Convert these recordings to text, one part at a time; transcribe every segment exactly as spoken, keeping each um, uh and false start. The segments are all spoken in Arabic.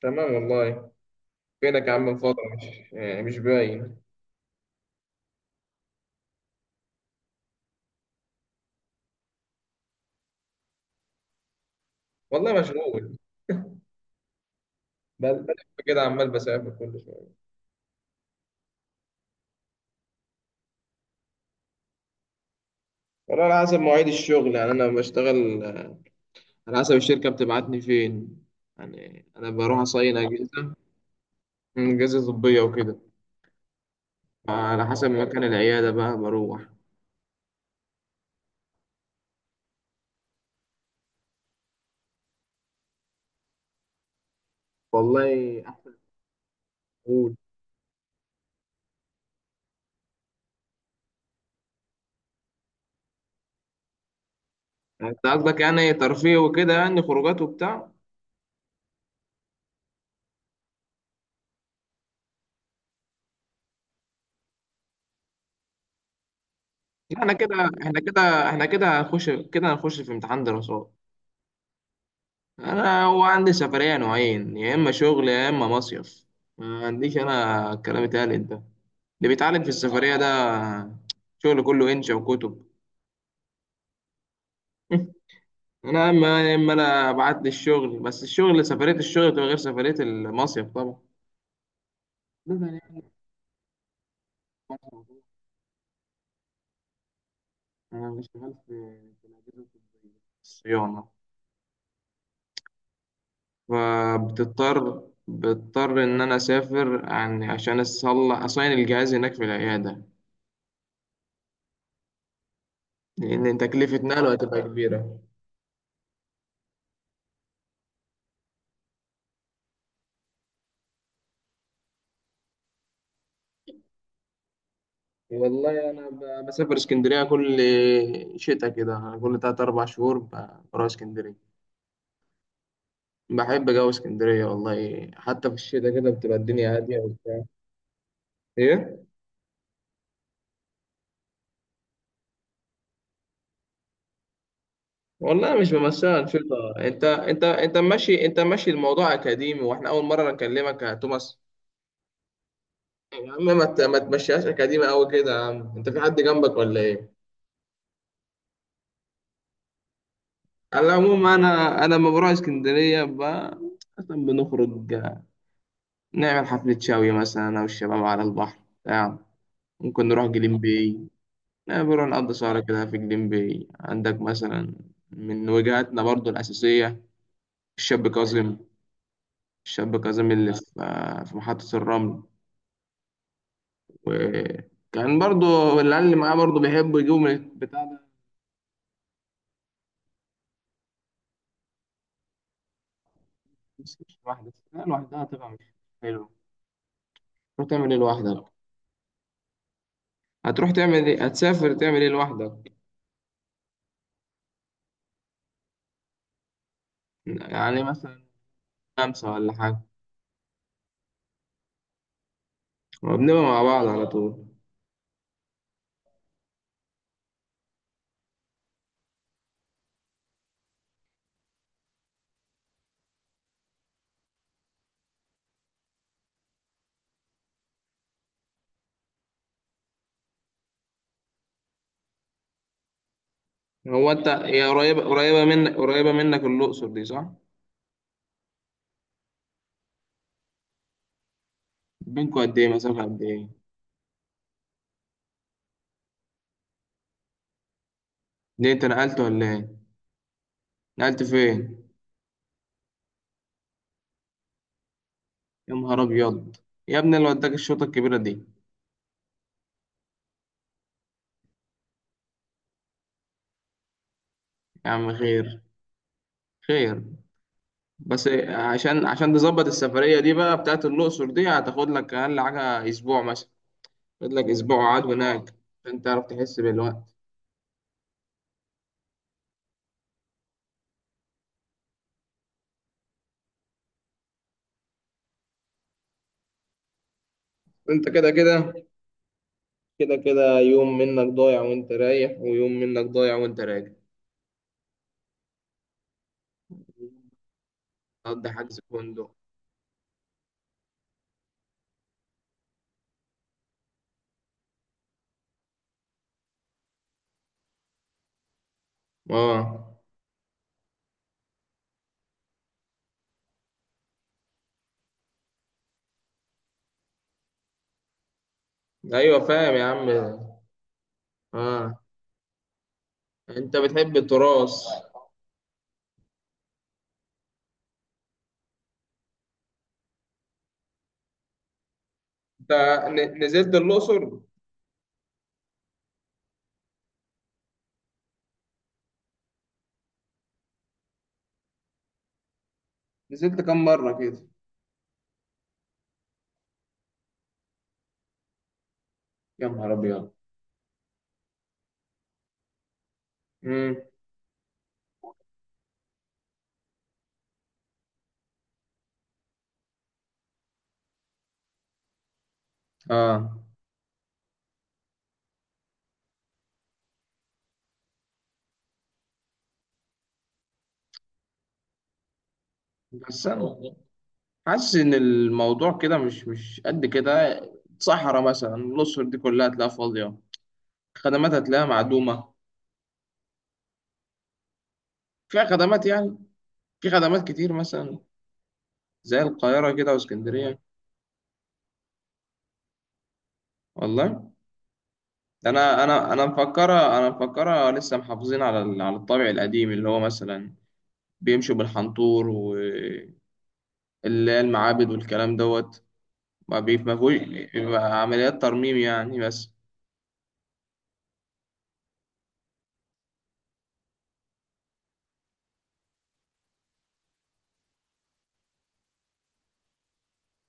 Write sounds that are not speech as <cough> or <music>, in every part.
تمام والله. فينك يا عم من فترة؟ مش يعني مش باين. والله مشغول. بل بل كده عمال بسافر كل شوية. والله على حسب مواعيد الشغل. يعني أنا بشتغل، آه، على حسب الشركة بتبعتني فين. يعني أنا بروح أصين أجهزة. مم، أجهزة طبية وكده. على حسب مكان العيادة بقى بروح. والله أحسن أقول. يعني أنت قصدك يعني ترفيه وكده، يعني خروجات وبتاع؟ لا، احنا كده احنا كده احنا كده هنخش كده هنخش في امتحان دراسات. انا هو عندي سفرية نوعين، يا اما شغل يا اما مصيف. ما عنديش انا الكلام اتقال ده اللي بيتعلم في السفرية ده، شغل كله انشا وكتب. <laughs> انا اما اما انا ابعت لي الشغل، بس الشغل، سفرية الشغل بتبقى غير سفرية المصيف طبعا. ده يعني، انا شغال في في الاجهزة الطبية، الصيانة. فبتضطر، بضطر ان انا اسافر عن عشان اصلح اصين الجهاز هناك في العيادة، لان تكلفة نقله هتبقى كبيرة. والله انا ب- بسافر اسكندريه كل شتاء كده. انا كل تلات اربع شهور ب- بروح اسكندريه. بحب جو اسكندريه والله، حتى في الشتاء كده بتبقى الدنيا هاديه وبتاع. ايه؟ والله مش بمثلها انشطه. انت انت انت ماشي انت ماشي الموضوع اكاديمي، واحنا اول مره نكلمك يا توماس. يا عم ما ت- ما تمشيهاش اكاديمي قوي كده يا عم. انت في حد جنبك ولا ايه؟ على العموم، انا انا لما بروح اسكندريه ب... مثلا بنخرج نعمل حفله شاوي مثلا، انا والشباب على البحر بتاع ممكن نروح جليم باي. لا، بنروح نقضي سهرة كده في جليم باي عندك مثلا. من وجهاتنا برضو الأساسية الشاب كاظم، الشاب كاظم اللي في في محطة الرمل. وكان برضو العيال اللي معاه برضو بيحبوا يجيبوا من البتاع ده. بس مش لوحدك، لا لوحدها هتبقى مش حلو. تروح تعمل ايه لوحدك؟ هتروح تعمل ايه؟ هتسافر تعمل ايه لوحدك؟ يعني مثلا خمسة ولا حاجة، وبنبقى مع بعض على طول. هو انت، هي قريبة، قريبة منك قريبة منك الأقصر دي صح؟ بينكوا قد ايه؟ مسافة قد ايه؟ ليه انت نقلت ولا ايه؟ نقلت فين؟ يا نهار ابيض، يا ابني اللي وداك الشوطة الكبيرة دي. يا عم خير خير. بس عشان عشان تظبط السفرية دي بقى بتاعت الأقصر دي، هتاخد لك أقل حاجة أسبوع مثلا. خد لك أسبوع قعد هناك عشان تعرف تحس بالوقت. انت كده كده، كده كده يوم منك ضايع وانت رايح، ويوم منك ضايع وانت راجع. تقضي حجز فندق. اه. ايوه فاهم يا عم. اه، انت بتحب التراث؟ انت ن- نزلت الأقصر؟ نزلت كام مرة كده؟ يا نهار ابيض. امم اه، بس انا والله حاسس ان الموضوع كده مش مش قد كده. صحراء مثلا، الأقصر دي كلها هتلاقيها فاضية، خدمات هتلاقيها معدومة. فيها خدمات يعني؟ في خدمات كتير مثلا زي القاهرة كده واسكندرية. والله ده انا انا انا مفكرة، انا مفكرة لسه محافظين على ال- على الطابع القديم اللي هو مثلا بيمشوا بالحنطور، واللي هي المعابد والكلام دوت. ما بيبقى، بيبقى عمليات ترميم يعني بس.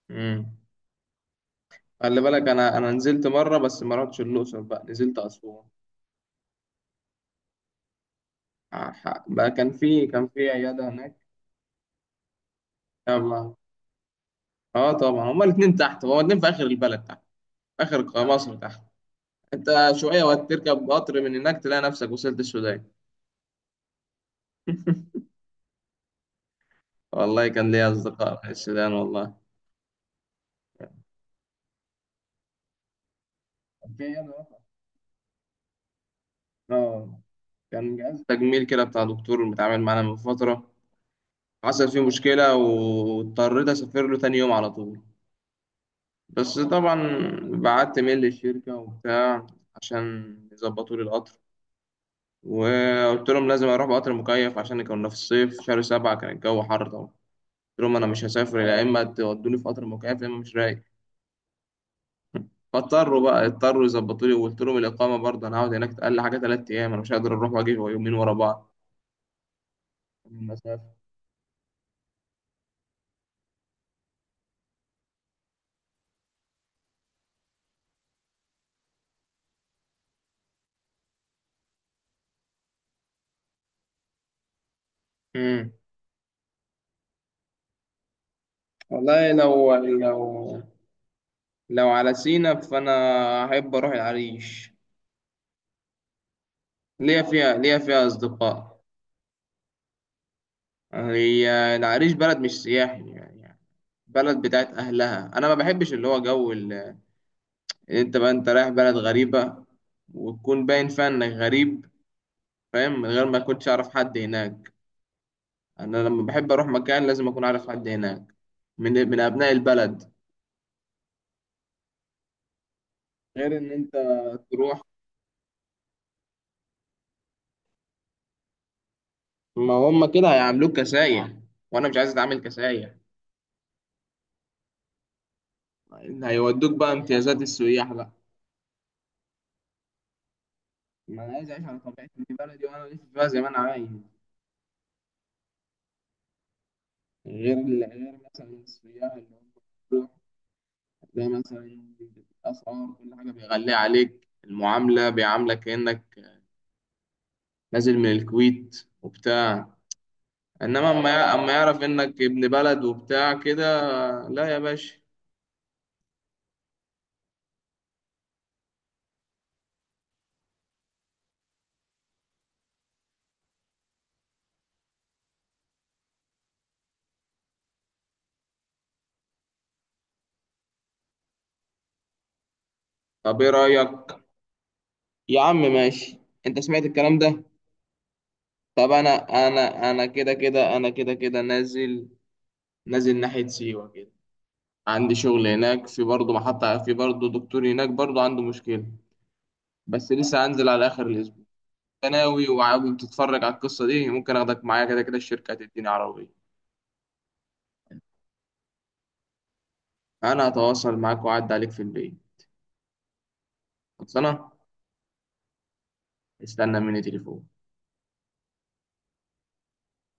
امم خلي بالك انا انا نزلت مره، بس ما رحتش الاقصر، بقى نزلت اسوان. ح- ح- بقى كان في كان في عياده هناك. يلا. اه طبعا، هما الاثنين تحت، هما الاثنين في اخر البلد تحت، في اخر مصر تحت. انت شويه وهتركب قطر من هناك تلاقي نفسك وصلت السودان. والله كان ليا اصدقاء في السودان. والله كان في عيادة واقفة. اه. كان جهاز تجميل كده بتاع دكتور متعامل معانا من فتره، حصل فيه مشكله واضطريت اسافر له تاني يوم على طول. بس طبعا بعت ميل للشركة وبتاع عشان يظبطوا لي القطر، وقلت لهم لازم اروح بقطر مكيف، عشان كنا في الصيف، شهر سبعة كان الجو حر طبعا. قلت لهم انا مش هسافر، يا اما تودوني في قطر مكيف يا اما مش رايق. فاضطروا بقى، اضطروا يظبطوا لي. وقلت لهم الاقامة برضه، انا هقعد هناك اقل حاجة ثلاث ايام، انا مش هقدر اروح واجي يومين ورا بعض من المسافة. امم. والله لو لو لو على سينا فانا احب اروح العريش. ليا فيها، ليا فيها اصدقاء. هي العريش بلد مش سياحي يعني، يعني بلد بتاعت أهلها. أنا ما بحبش اللي هو جو ال- أنت بقى أنت رايح بلد غريبة، وتكون باين فيها إنك غريب. فاهم؟ من غير ما كنتش أعرف حد هناك. أنا لما بحب أروح مكان لازم أكون عارف حد هناك، من من أبناء البلد. غير إن أنت تروح، ما هم كده هيعاملوك كسايح، وأنا مش عايز أتعامل كسايح. هيودوك بقى امتيازات السياح بقى. ما أنا عايز أعيش على طبيعتي في بلدي، وأنا أعيش فيها زي ما أنا عايز. غير ال- غير مثلا السياح اللي هم بيروح ده مثلا، الأسعار كل حاجة بيغلي عليك، المعاملة بيعاملك كأنك نازل من الكويت وبتاع. إنما أما يع- أما يعرف إنك ابن بلد وبتاع كده، لا يا باشا. طب إيه رأيك؟ يا عم ماشي. أنت سمعت الكلام ده؟ طب أنا، أنا أنا كده كده أنا كده كده نازل، نازل ناحية سيوة كده. عندي شغل هناك، في برضه محطة، في برضه دكتور هناك برضه عنده مشكلة. بس لسه هنزل على آخر الأسبوع. ثانوي وعاوز تتفرج على القصة دي، ممكن اخدك معايا. كده كده الشركة هتديني عربية. انا هتواصل معاك، واعد عليك في البيت. خلصانة. استنى مني تليفون.